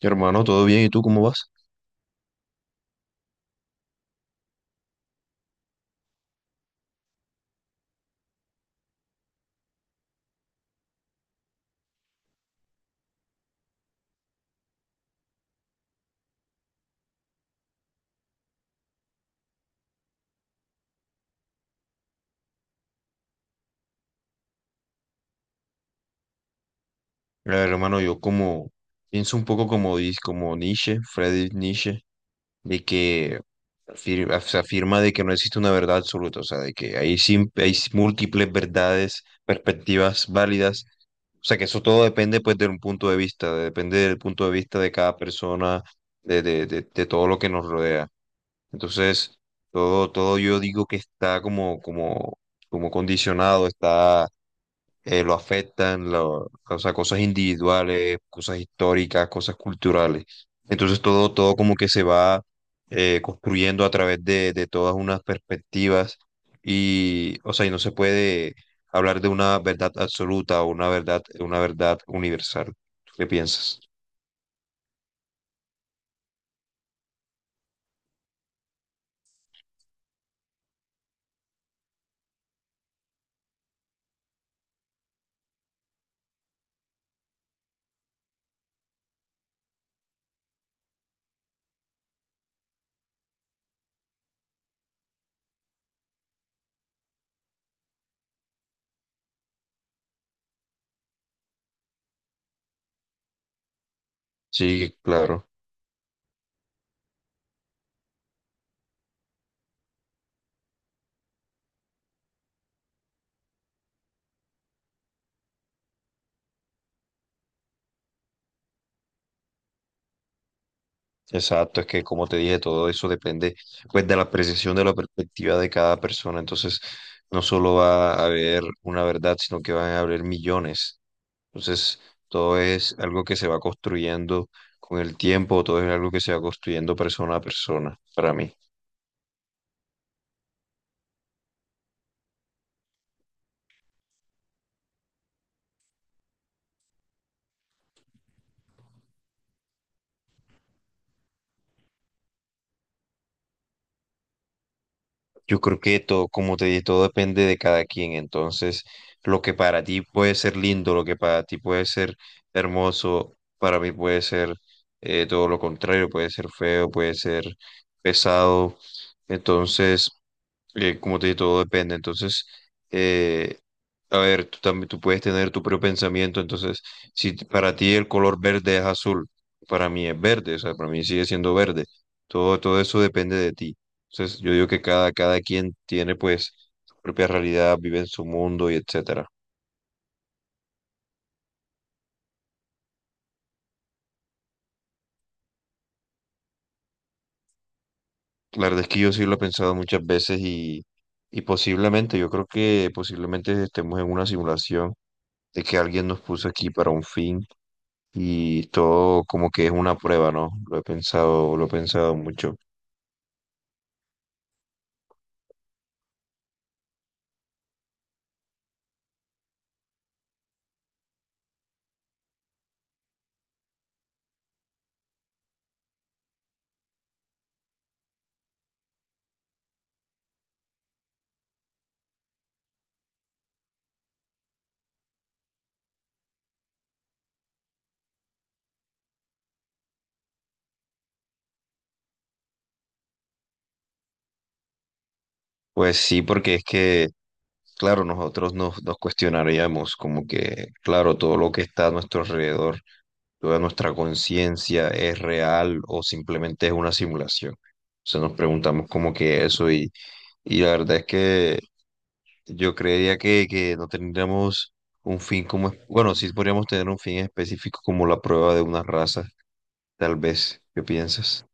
Hermano, ¿todo bien? ¿Y tú cómo vas? A ver, hermano, yo como pienso un poco como, como Nietzsche, Friedrich Nietzsche, de que se afirma de que no existe una verdad absoluta, o sea, de que hay, múltiples verdades, perspectivas válidas, o sea, que eso todo depende pues de un punto de vista, depende del punto de vista de cada persona, de todo lo que nos rodea. Entonces, todo yo digo que está como condicionado, lo afectan, o sea, cosas individuales, cosas históricas, cosas culturales. Entonces todo como que se va construyendo a través de todas unas perspectivas y, o sea, y no se puede hablar de una verdad absoluta o una verdad universal. ¿Qué piensas? Sí, claro. Exacto, es que como te dije, todo eso depende pues de la apreciación de la perspectiva de cada persona. Entonces, no solo va a haber una verdad, sino que van a haber millones. Entonces, todo es algo que se va construyendo con el tiempo, todo es algo que se va construyendo persona a persona, para mí. Yo creo que todo, como te dije, todo depende de cada quien. Entonces, lo que para ti puede ser lindo, lo que para ti puede ser hermoso, para mí puede ser todo lo contrario, puede ser feo, puede ser pesado. Entonces, como te dije, todo depende. Entonces, eh, a ver, tú también tú puedes tener tu propio pensamiento. Entonces, si para ti el color verde es azul, para mí es verde, o sea, para mí sigue siendo verde. Todo, todo eso depende de ti. Entonces, yo digo que cada quien tiene pues su propia realidad, vive en su mundo y etcétera. La verdad es que yo sí lo he pensado muchas veces y posiblemente, yo creo que posiblemente estemos en una simulación, de que alguien nos puso aquí para un fin y todo como que es una prueba, ¿no? Lo he pensado mucho. Pues sí, porque es que, claro, nosotros nos cuestionaríamos como que, claro, todo lo que está a nuestro alrededor, toda nuestra conciencia es real o simplemente es una simulación. O sea, nos preguntamos como que eso y la verdad es que yo creería que no tendríamos un fin como, bueno, sí podríamos tener un fin específico como la prueba de una raza, tal vez. ¿Qué piensas?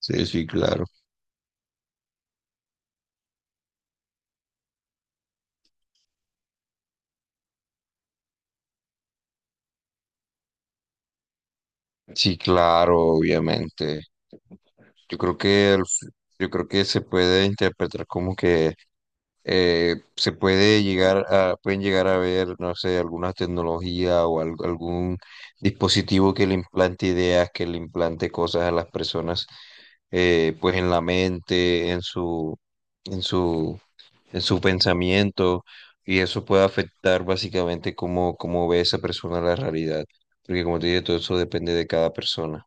Sí, sí, claro. Sí, claro, obviamente. Yo creo que el yo creo que se puede interpretar como que se puede llegar a, pueden llegar a ver, no sé, alguna tecnología o algún dispositivo que le implante ideas, que le implante cosas a las personas, pues en la mente, en su, en su pensamiento. Y eso puede afectar básicamente cómo, cómo ve esa persona la realidad. Porque como te dije, todo eso depende de cada persona.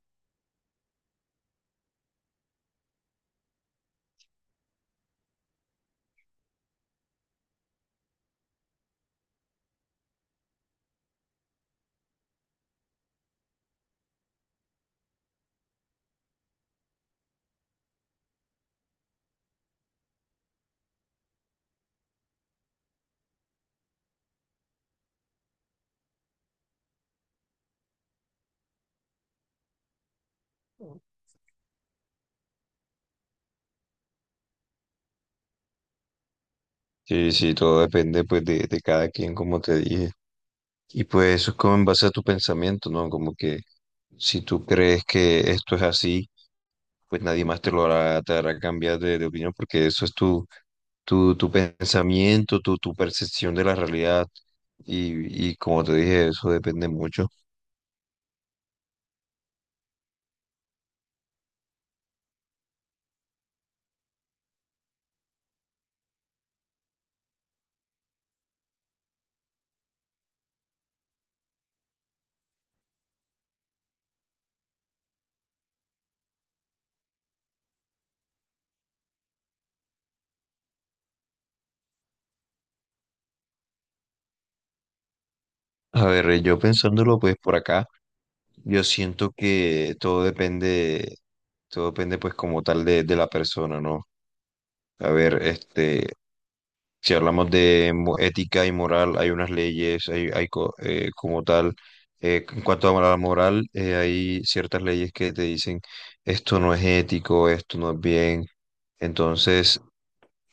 Sí, sí, todo depende pues de cada quien, como te dije. Y pues eso es como en base a tu pensamiento, ¿no? Como que si tú crees que esto es así, pues nadie más te lo hará, te hará cambiar de opinión porque eso es tu pensamiento, tu percepción de la realidad. Y como te dije, eso depende mucho. A ver, yo pensándolo pues por acá. Yo siento que todo depende pues como tal de la persona, ¿no? A ver, este, si hablamos de ética y moral, hay unas leyes, hay como tal, en cuanto a la moral, hay ciertas leyes que te dicen esto no es ético, esto no es bien. Entonces,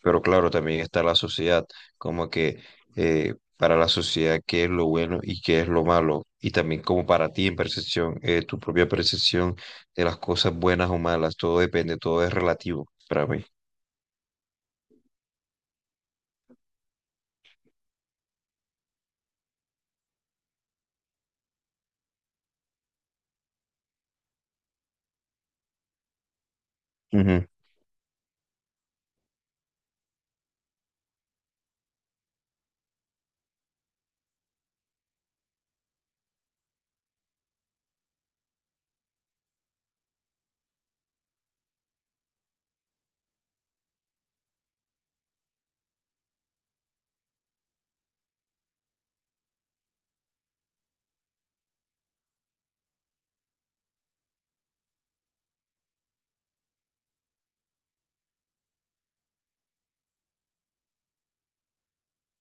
pero claro, también está la sociedad, como que para la sociedad qué es lo bueno y qué es lo malo, y también como para ti en percepción, tu propia percepción de las cosas buenas o malas, todo depende, todo es relativo para mí. Ujú,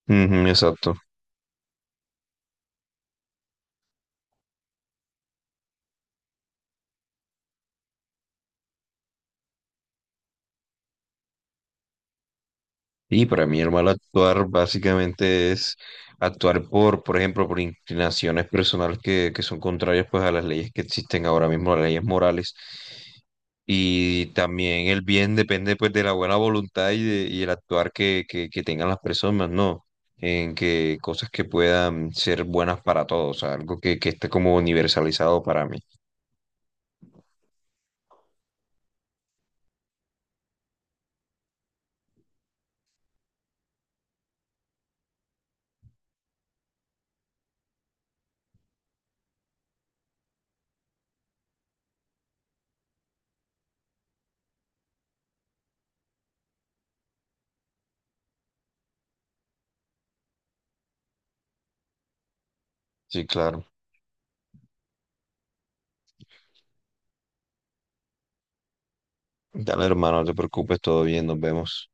ujú, exacto. Y para mí el mal actuar básicamente es actuar por ejemplo, por inclinaciones personales que son contrarias pues a las leyes que existen ahora mismo, las leyes morales. Y también el bien depende pues de la buena voluntad y, y el actuar que tengan las personas, ¿no? En que cosas que puedan ser buenas para todos, o sea, algo que esté como universalizado para mí. Sí, claro. Dale, hermano, no te preocupes, todo bien, nos vemos.